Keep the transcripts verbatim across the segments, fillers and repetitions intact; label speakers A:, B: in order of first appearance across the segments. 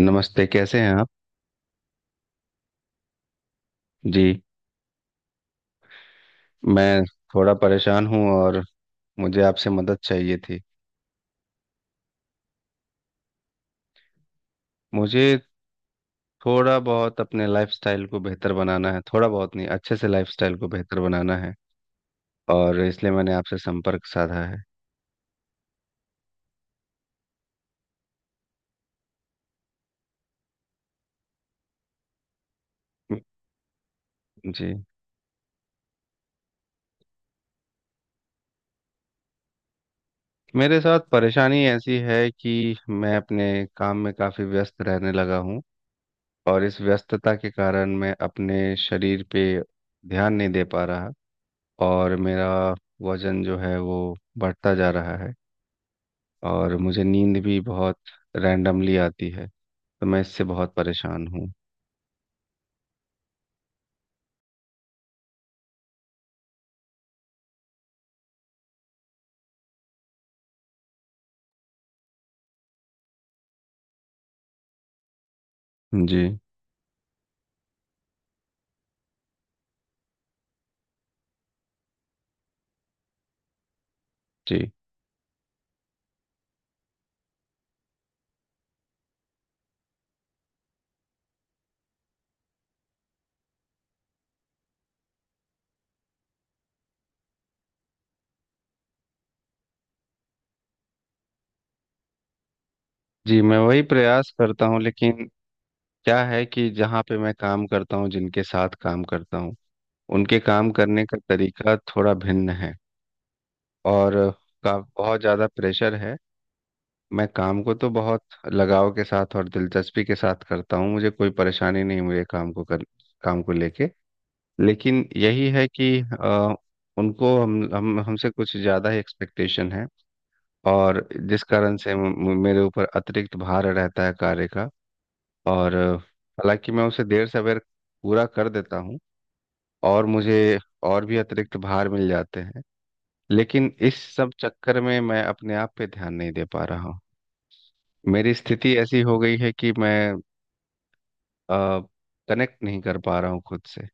A: नमस्ते, कैसे हैं आप? जी, मैं थोड़ा परेशान हूँ, और मुझे आपसे मदद चाहिए थी। मुझे थोड़ा बहुत अपने लाइफस्टाइल को बेहतर बनाना है, थोड़ा बहुत नहीं, अच्छे से लाइफस्टाइल को बेहतर बनाना है, और इसलिए मैंने आपसे संपर्क साधा है। जी। मेरे साथ परेशानी ऐसी है कि मैं अपने काम में काफ़ी व्यस्त रहने लगा हूँ, और इस व्यस्तता के कारण मैं अपने शरीर पे ध्यान नहीं दे पा रहा, और मेरा वजन जो है वो बढ़ता जा रहा है, और मुझे नींद भी बहुत रैंडमली आती है। तो मैं इससे बहुत परेशान हूँ। जी, जी, जी, मैं वही प्रयास करता हूँ, लेकिन क्या है कि जहाँ पे मैं काम करता हूँ, जिनके साथ काम करता हूँ, उनके काम करने का तरीका थोड़ा भिन्न है, और का बहुत ज़्यादा प्रेशर है। मैं काम को तो बहुत लगाव के साथ और दिलचस्पी के साथ करता हूँ, मुझे कोई परेशानी नहीं है मेरे काम को, कर काम को लेके। लेकिन यही है कि अ, उनको हम हम हमसे कुछ ज़्यादा ही एक्सपेक्टेशन है, और जिस कारण से म- म- मेरे ऊपर अतिरिक्त भार रहता है कार्य का। और अ, हालांकि मैं उसे देर सवेर पूरा कर देता हूँ, और मुझे और भी अतिरिक्त भार मिल जाते हैं, लेकिन इस सब चक्कर में मैं अपने आप पे ध्यान नहीं दे पा रहा हूँ। मेरी स्थिति ऐसी हो गई है कि मैं कनेक्ट नहीं कर पा रहा हूँ खुद से।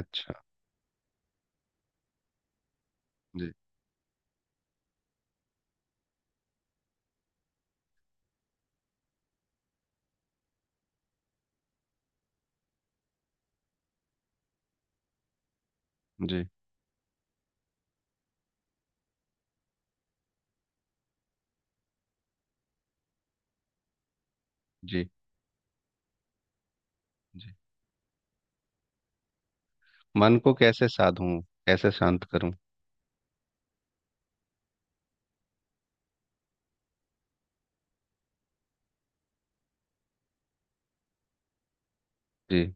A: अच्छा। जी, जी, जी, जी। मन को कैसे साधूं? कैसे शांत करूं? जी,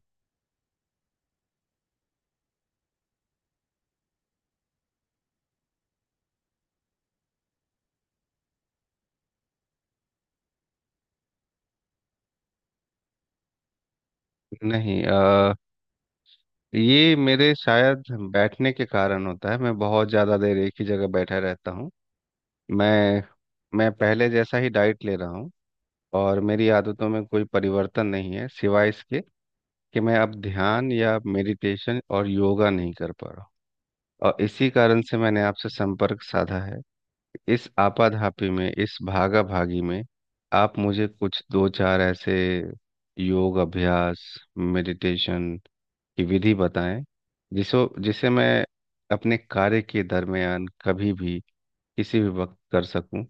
A: नहीं। आ, ये मेरे शायद बैठने के कारण होता है, मैं बहुत ज़्यादा देर एक ही जगह बैठा रहता हूँ। मैं मैं पहले जैसा ही डाइट ले रहा हूँ, और मेरी आदतों में कोई परिवर्तन नहीं है, सिवाय इसके कि मैं अब ध्यान या मेडिटेशन और योगा नहीं कर पा रहा हूँ। और इसी कारण से मैंने आपसे संपर्क साधा है, इस आपाधापी में, इस भागा भागी में। आप मुझे कुछ दो चार ऐसे योग अभ्यास, मेडिटेशन की विधि बताएं, जिसो जिसे मैं अपने कार्य के दरमियान कभी भी, किसी भी वक्त कर सकूं,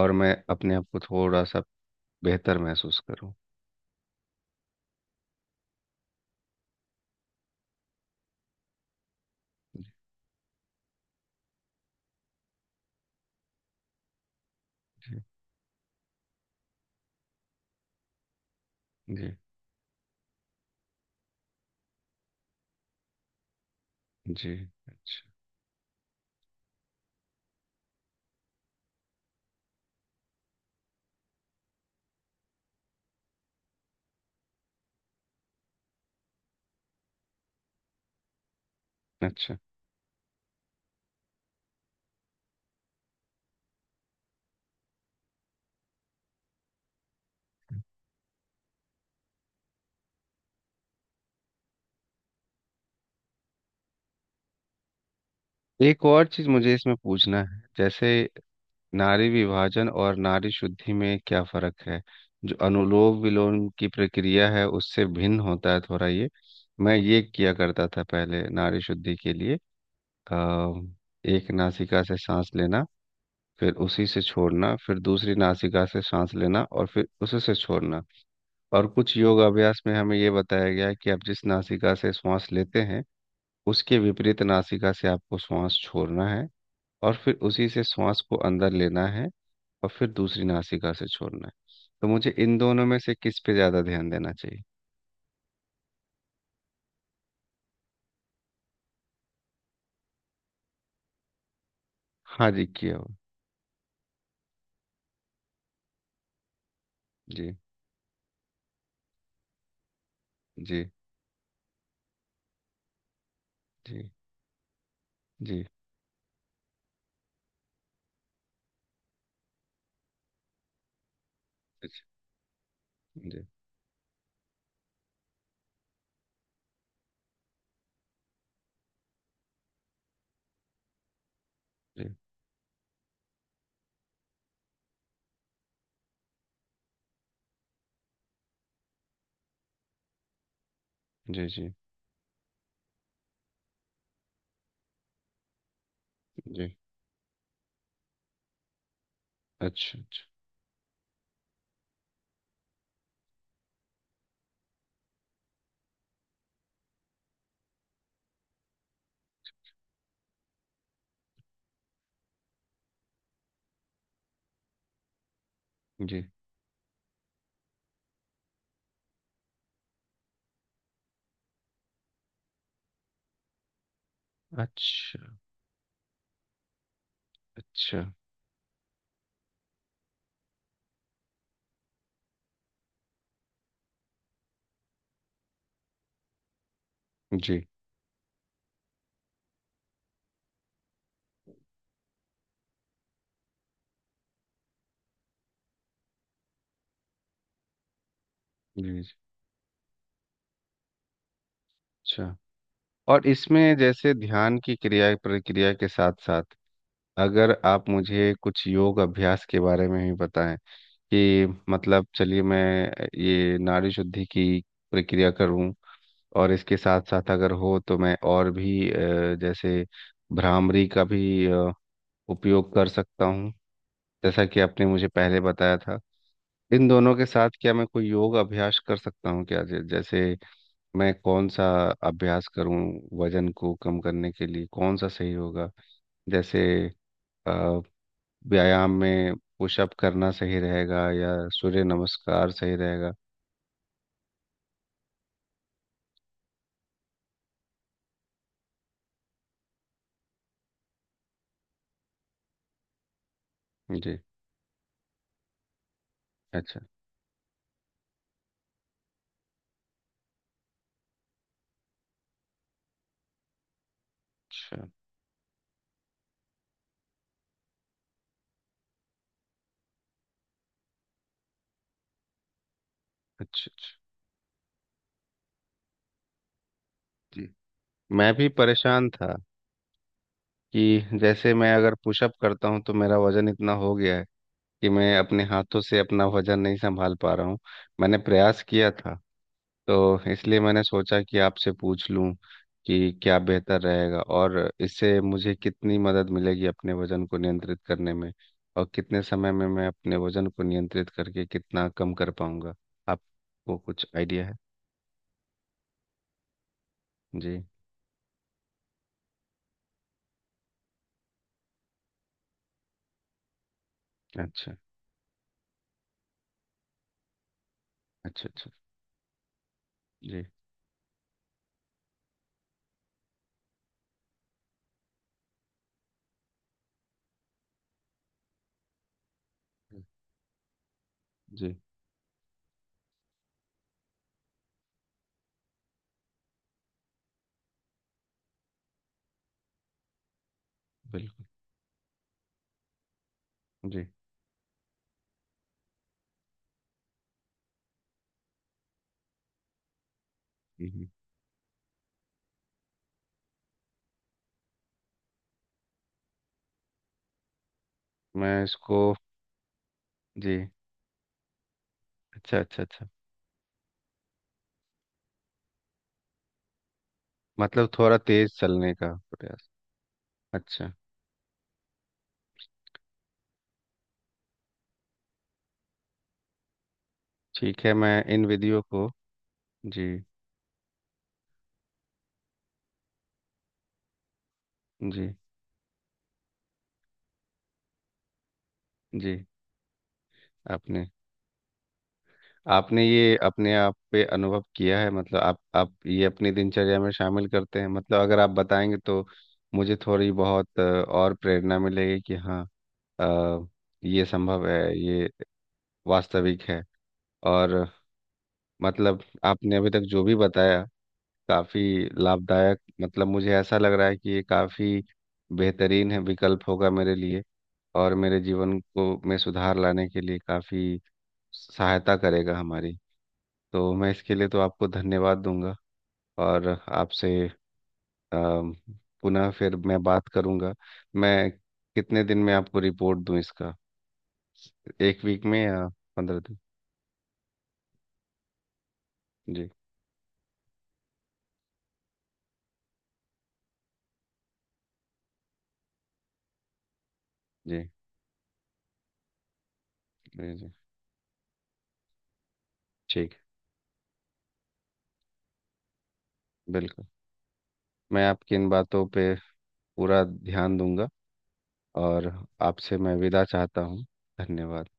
A: और मैं अपने आप को थोड़ा सा बेहतर महसूस करूं। जी, जी, जी। अच्छा, अच्छा। एक और चीज़ मुझे इसमें पूछना है, जैसे, नारी विभाजन और नारी शुद्धि में क्या फर्क है? जो अनुलोम विलोम की प्रक्रिया है, उससे भिन्न होता है थोड़ा ये। मैं ये किया करता था पहले नारी शुद्धि के लिए। आ, एक नासिका से सांस लेना, फिर उसी से छोड़ना, फिर दूसरी नासिका से सांस लेना, और फिर उसी से छोड़ना। और कुछ योग अभ्यास में हमें ये बताया गया है कि आप जिस नासिका से श्वास लेते हैं, उसके विपरीत नासिका से आपको श्वास छोड़ना है, और फिर उसी से श्वास को अंदर लेना है, और फिर दूसरी नासिका से छोड़ना है। तो मुझे इन दोनों में से किस पे ज़्यादा ध्यान देना चाहिए? हाँ जी, किया हुआ। जी। जी, जी, जी, अच्छा। जी, जी, जी, जी, जी। अच्छा, अच्छा। जी। अच्छा, अच्छा। जी, जी, जी, अच्छा। और इसमें जैसे ध्यान की क्रिया प्रक्रिया के साथ साथ, अगर आप मुझे कुछ योग अभ्यास के बारे में भी बताएं, कि मतलब, चलिए, मैं ये नाड़ी शुद्धि की प्रक्रिया करूं, और इसके साथ साथ अगर हो तो मैं और भी अ, जैसे भ्रामरी का भी अ, उपयोग कर सकता हूँ, जैसा कि आपने मुझे पहले बताया था। इन दोनों के साथ क्या मैं कोई योग अभ्यास कर सकता हूँ क्या, जै- जैसे मैं कौन सा अभ्यास करूँ? वजन को कम करने के लिए कौन सा सही होगा? जैसे, अ, व्यायाम में पुशअप करना सही रहेगा या सूर्य नमस्कार सही रहेगा? जी। अच्छा, अच्छा, अच्छा, अच्छा। जी। मैं भी परेशान था कि जैसे, मैं अगर पुशअप करता हूँ तो मेरा वजन इतना हो गया है कि मैं अपने हाथों से अपना वजन नहीं संभाल पा रहा हूँ। मैंने प्रयास किया था। तो इसलिए मैंने सोचा कि आपसे पूछ लूँ कि क्या बेहतर रहेगा, और इससे मुझे कितनी मदद मिलेगी अपने वजन को नियंत्रित करने में, और कितने समय में मैं अपने वजन को नियंत्रित करके कितना कम कर पाऊंगा। आपको कुछ आइडिया है? जी। अच्छा, अच्छा, अच्छा। जी, जी। बिल्कुल। जी। हम्म, हम्म। मैं इसको। जी। अच्छा, अच्छा, अच्छा। मतलब थोड़ा तेज चलने का प्रयास। अच्छा। ठीक है, मैं इन विधियों को। जी, जी, जी। आपने आपने ये अपने आप पे अनुभव किया है? मतलब आप आप ये अपनी दिनचर्या में शामिल करते हैं? मतलब अगर आप बताएंगे तो मुझे थोड़ी बहुत अ, और प्रेरणा मिलेगी, कि हाँ, अ, ये संभव है, ये वास्तविक है। और मतलब आपने अभी तक जो भी बताया, काफी लाभदायक, मतलब मुझे ऐसा लग रहा है कि ये काफी बेहतरीन है, विकल्प होगा मेरे लिए, और मेरे जीवन को में सुधार लाने के लिए काफी सहायता करेगा हमारी। तो मैं इसके लिए तो आपको धन्यवाद दूंगा, और आपसे अम, पुनः फिर मैं बात करूंगा। मैं कितने दिन में आपको रिपोर्ट दूं इसका? एक वीक में या पंद्रह दिन? जी, जी, जी, जी। ठीक। बिल्कुल। मैं आपकी इन बातों पे पूरा ध्यान दूंगा, और आपसे मैं विदा चाहता हूँ। धन्यवाद।